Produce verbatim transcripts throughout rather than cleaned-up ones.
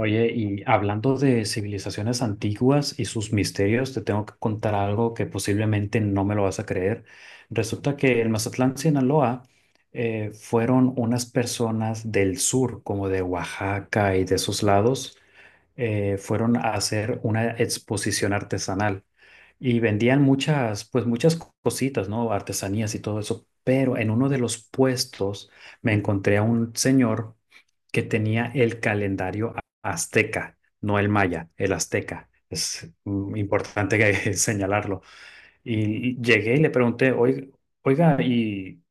Oye, y hablando de civilizaciones antiguas y sus misterios, te tengo que contar algo que posiblemente no me lo vas a creer. Resulta que en Mazatlán, Sinaloa, eh, fueron unas personas del sur, como de Oaxaca y de esos lados. Eh, fueron a hacer una exposición artesanal y vendían muchas, pues muchas co- cositas, ¿no? Artesanías y todo eso. Pero en uno de los puestos me encontré a un señor que tenía el calendario azteca, no el maya, el azteca. Es mm, importante que- señalarlo. Y llegué y le pregunté, "Oi- oiga, ¿y,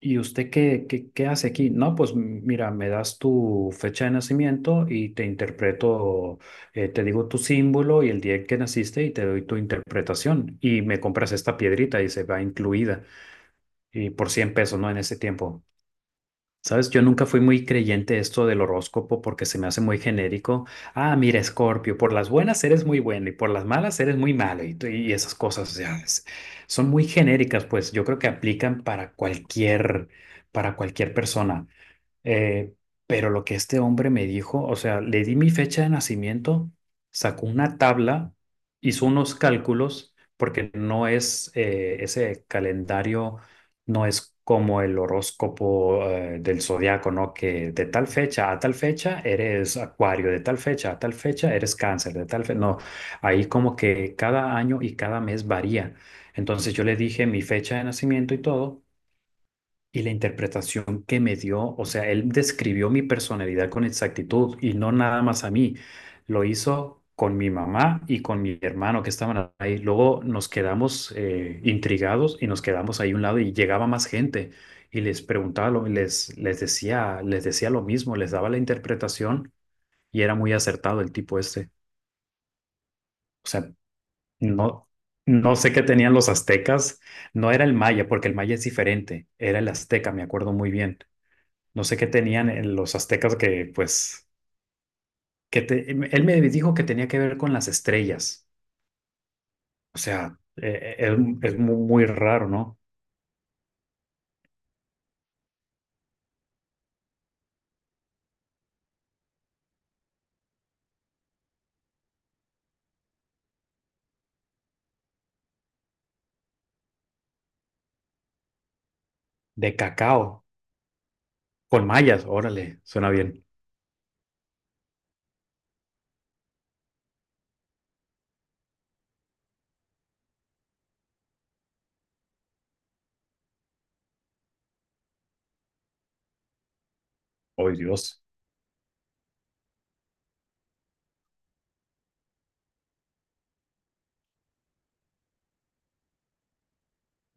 y usted qué, qué, qué hace aquí? No, pues m- mira, me das tu fecha de nacimiento y te interpreto, eh, te digo tu símbolo y el día en que naciste y te doy tu interpretación. Y me compras esta piedrita y se va incluida. Y por cien pesos, ¿no? En ese tiempo. Sabes, yo nunca fui muy creyente de esto del horóscopo porque se me hace muy genérico. Ah, mira, Escorpio, por las buenas eres muy bueno y por las malas eres muy malo y, t- y esas cosas, o sea, es- son muy genéricas, pues yo creo que aplican para cualquier, para cualquier persona. Eh, pero lo que este hombre me dijo, o sea, le di mi fecha de nacimiento, sacó una tabla, hizo unos cálculos, porque no es eh, ese calendario, no es como el horóscopo eh, del zodiaco, ¿no? Que de tal fecha a tal fecha eres Acuario, de tal fecha a tal fecha eres Cáncer, de tal fecha, no, ahí como que cada año y cada mes varía. Entonces yo le dije mi fecha de nacimiento y todo. Y la interpretación que me dio, o sea, él describió mi personalidad con exactitud y no nada más a mí. Lo hizo con mi mamá y con mi hermano que estaban ahí. Luego nos quedamos eh, intrigados y nos quedamos ahí a un lado, y llegaba más gente y les preguntaba, lo- les, les decía, les decía lo mismo, les daba la interpretación y era muy acertado el tipo este. O sea, no, no sé qué tenían los aztecas, no era el maya, porque el maya es diferente, era el azteca, me acuerdo muy bien. No sé qué tenían en los aztecas que, pues, que te- em, él me dijo que tenía que ver con las estrellas. O sea, eh, eh, es, es mu- muy raro, ¿no? De cacao, con mayas, órale, suena bien. ¡Ay, Dios!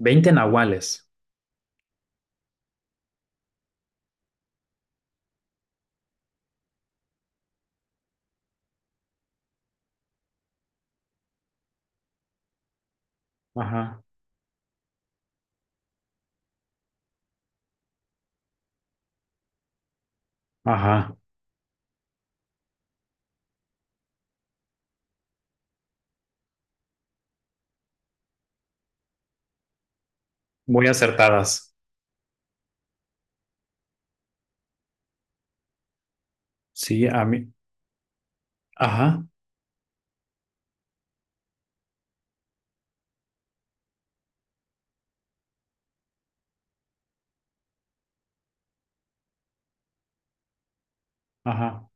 Veinte nahuales. Ajá, ajá. Muy acertadas. Sí, a mí. Ajá, ajá.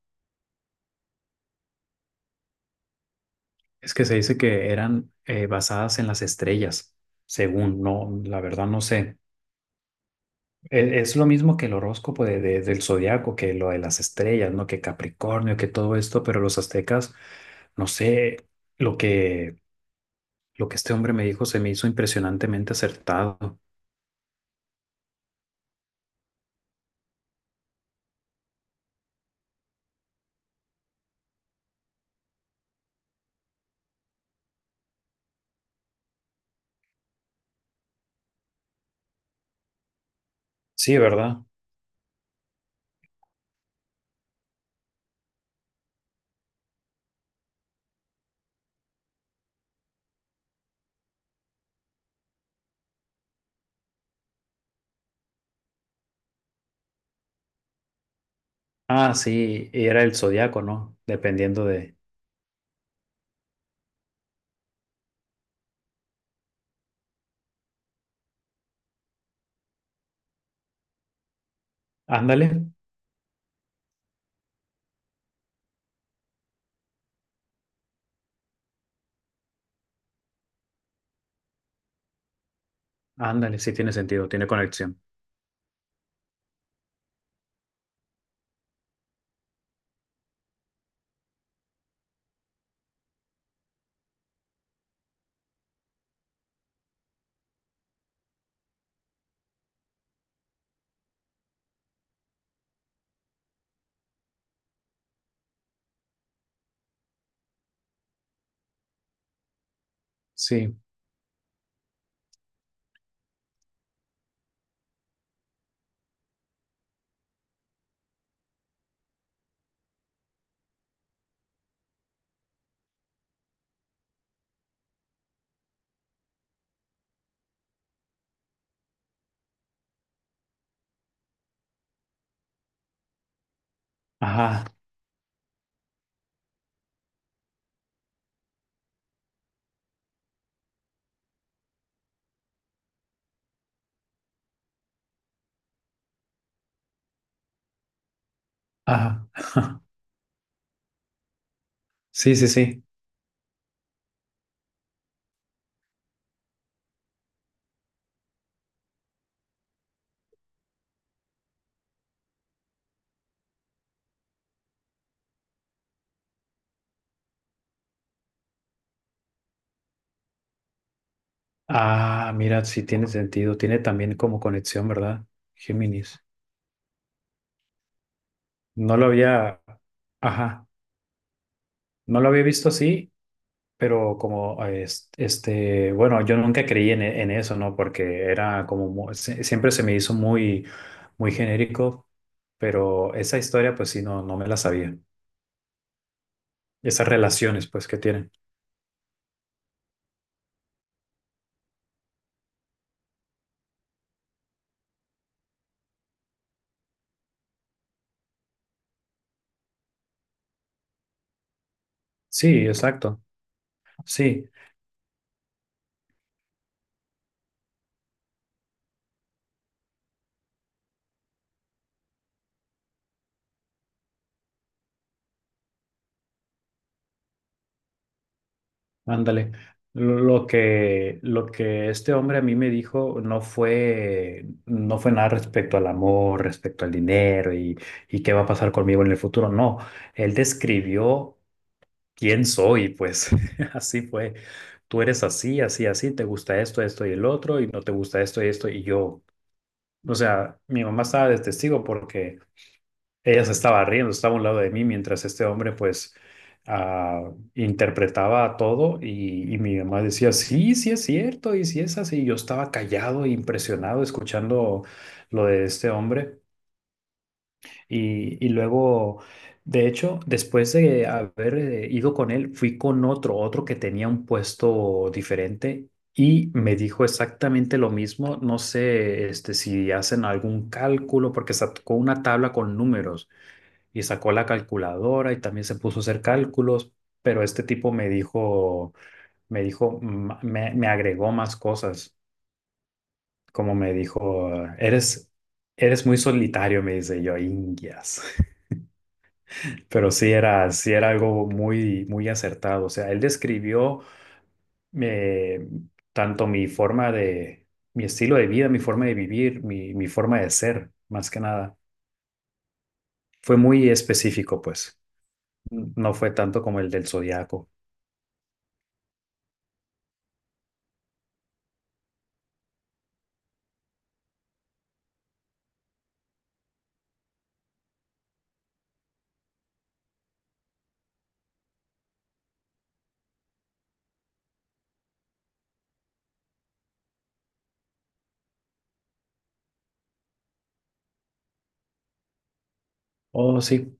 Es que se dice que eran eh, basadas en las estrellas, según, no, la verdad no sé. e- Es lo mismo que el horóscopo de, de- del zodiaco, que lo de las estrellas, ¿no? Que Capricornio, que todo esto, pero los aztecas, no sé, lo que, lo que este hombre me dijo se me hizo impresionantemente acertado. Sí, ¿verdad? Ah, sí, y era el zodiaco, ¿no? Dependiendo de. Ándale, ándale, sí tiene sentido, tiene conexión. Sí, ajá, ajá. Sí, sí, sí. Ah, mira, sí tiene sentido, tiene también como conexión, ¿verdad? Géminis. No lo había. Ajá. No lo había visto así, pero como eh, es- este, bueno, yo nunca creí en, e- en eso, ¿no? Porque era como, mu- se- siempre se me hizo muy, muy genérico, pero esa historia, pues sí, no, no me la sabía. Esas relaciones, pues, que tienen. Sí, exacto. Sí, ándale. Lo lo que, lo que este hombre a mí me dijo no fue, no fue nada respecto al amor, respecto al dinero y, y qué va a pasar conmigo en el futuro. No, él describió quién soy, pues así fue. Tú eres así, así, así, te gusta esto, esto y el otro, y no te gusta esto y esto, y yo. O sea, mi mamá estaba de testigo porque ella se estaba riendo, estaba a un lado de mí mientras este hombre, pues, ah, interpretaba todo, y, y mi mamá decía, sí, sí es cierto, y sí es así. Y yo estaba callado, e impresionado, escuchando lo de este hombre. Y, y luego, de hecho, después de haber eh, ido con él, fui con otro, otro que tenía un puesto diferente y me dijo exactamente lo mismo. No sé, este, si hacen algún cálculo, porque sacó una tabla con números y sacó la calculadora y también se puso a hacer cálculos, pero este tipo me dijo, me dijo, mm, me, me agregó más cosas, como me dijo, eres, eres muy solitario, me dice yo, Indias. Pero sí era, sí era algo muy, muy acertado. O sea, él describió eh, tanto mi forma de, mi estilo de vida, mi forma de vivir, mi, mi forma de ser, más que nada. Fue muy específico, pues. No fue tanto como el del zodiaco. Oh, sí.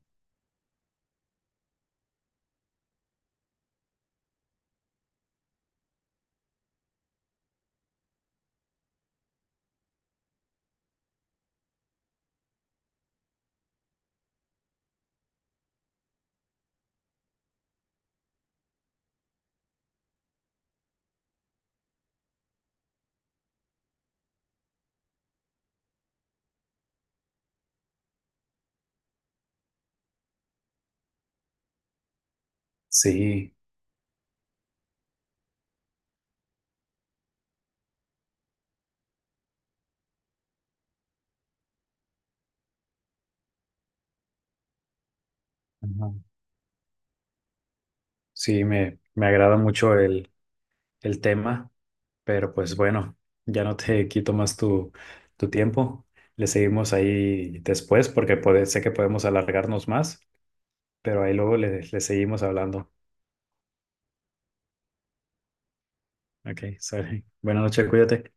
Sí, ajá. Sí, me, me agrada mucho el, el tema, pero pues bueno, ya no te quito más tu, tu tiempo. Le seguimos ahí después porque puede, sé que podemos alargarnos más. Pero ahí luego le, le seguimos hablando. Ok, sale. Buenas noches, cuídate.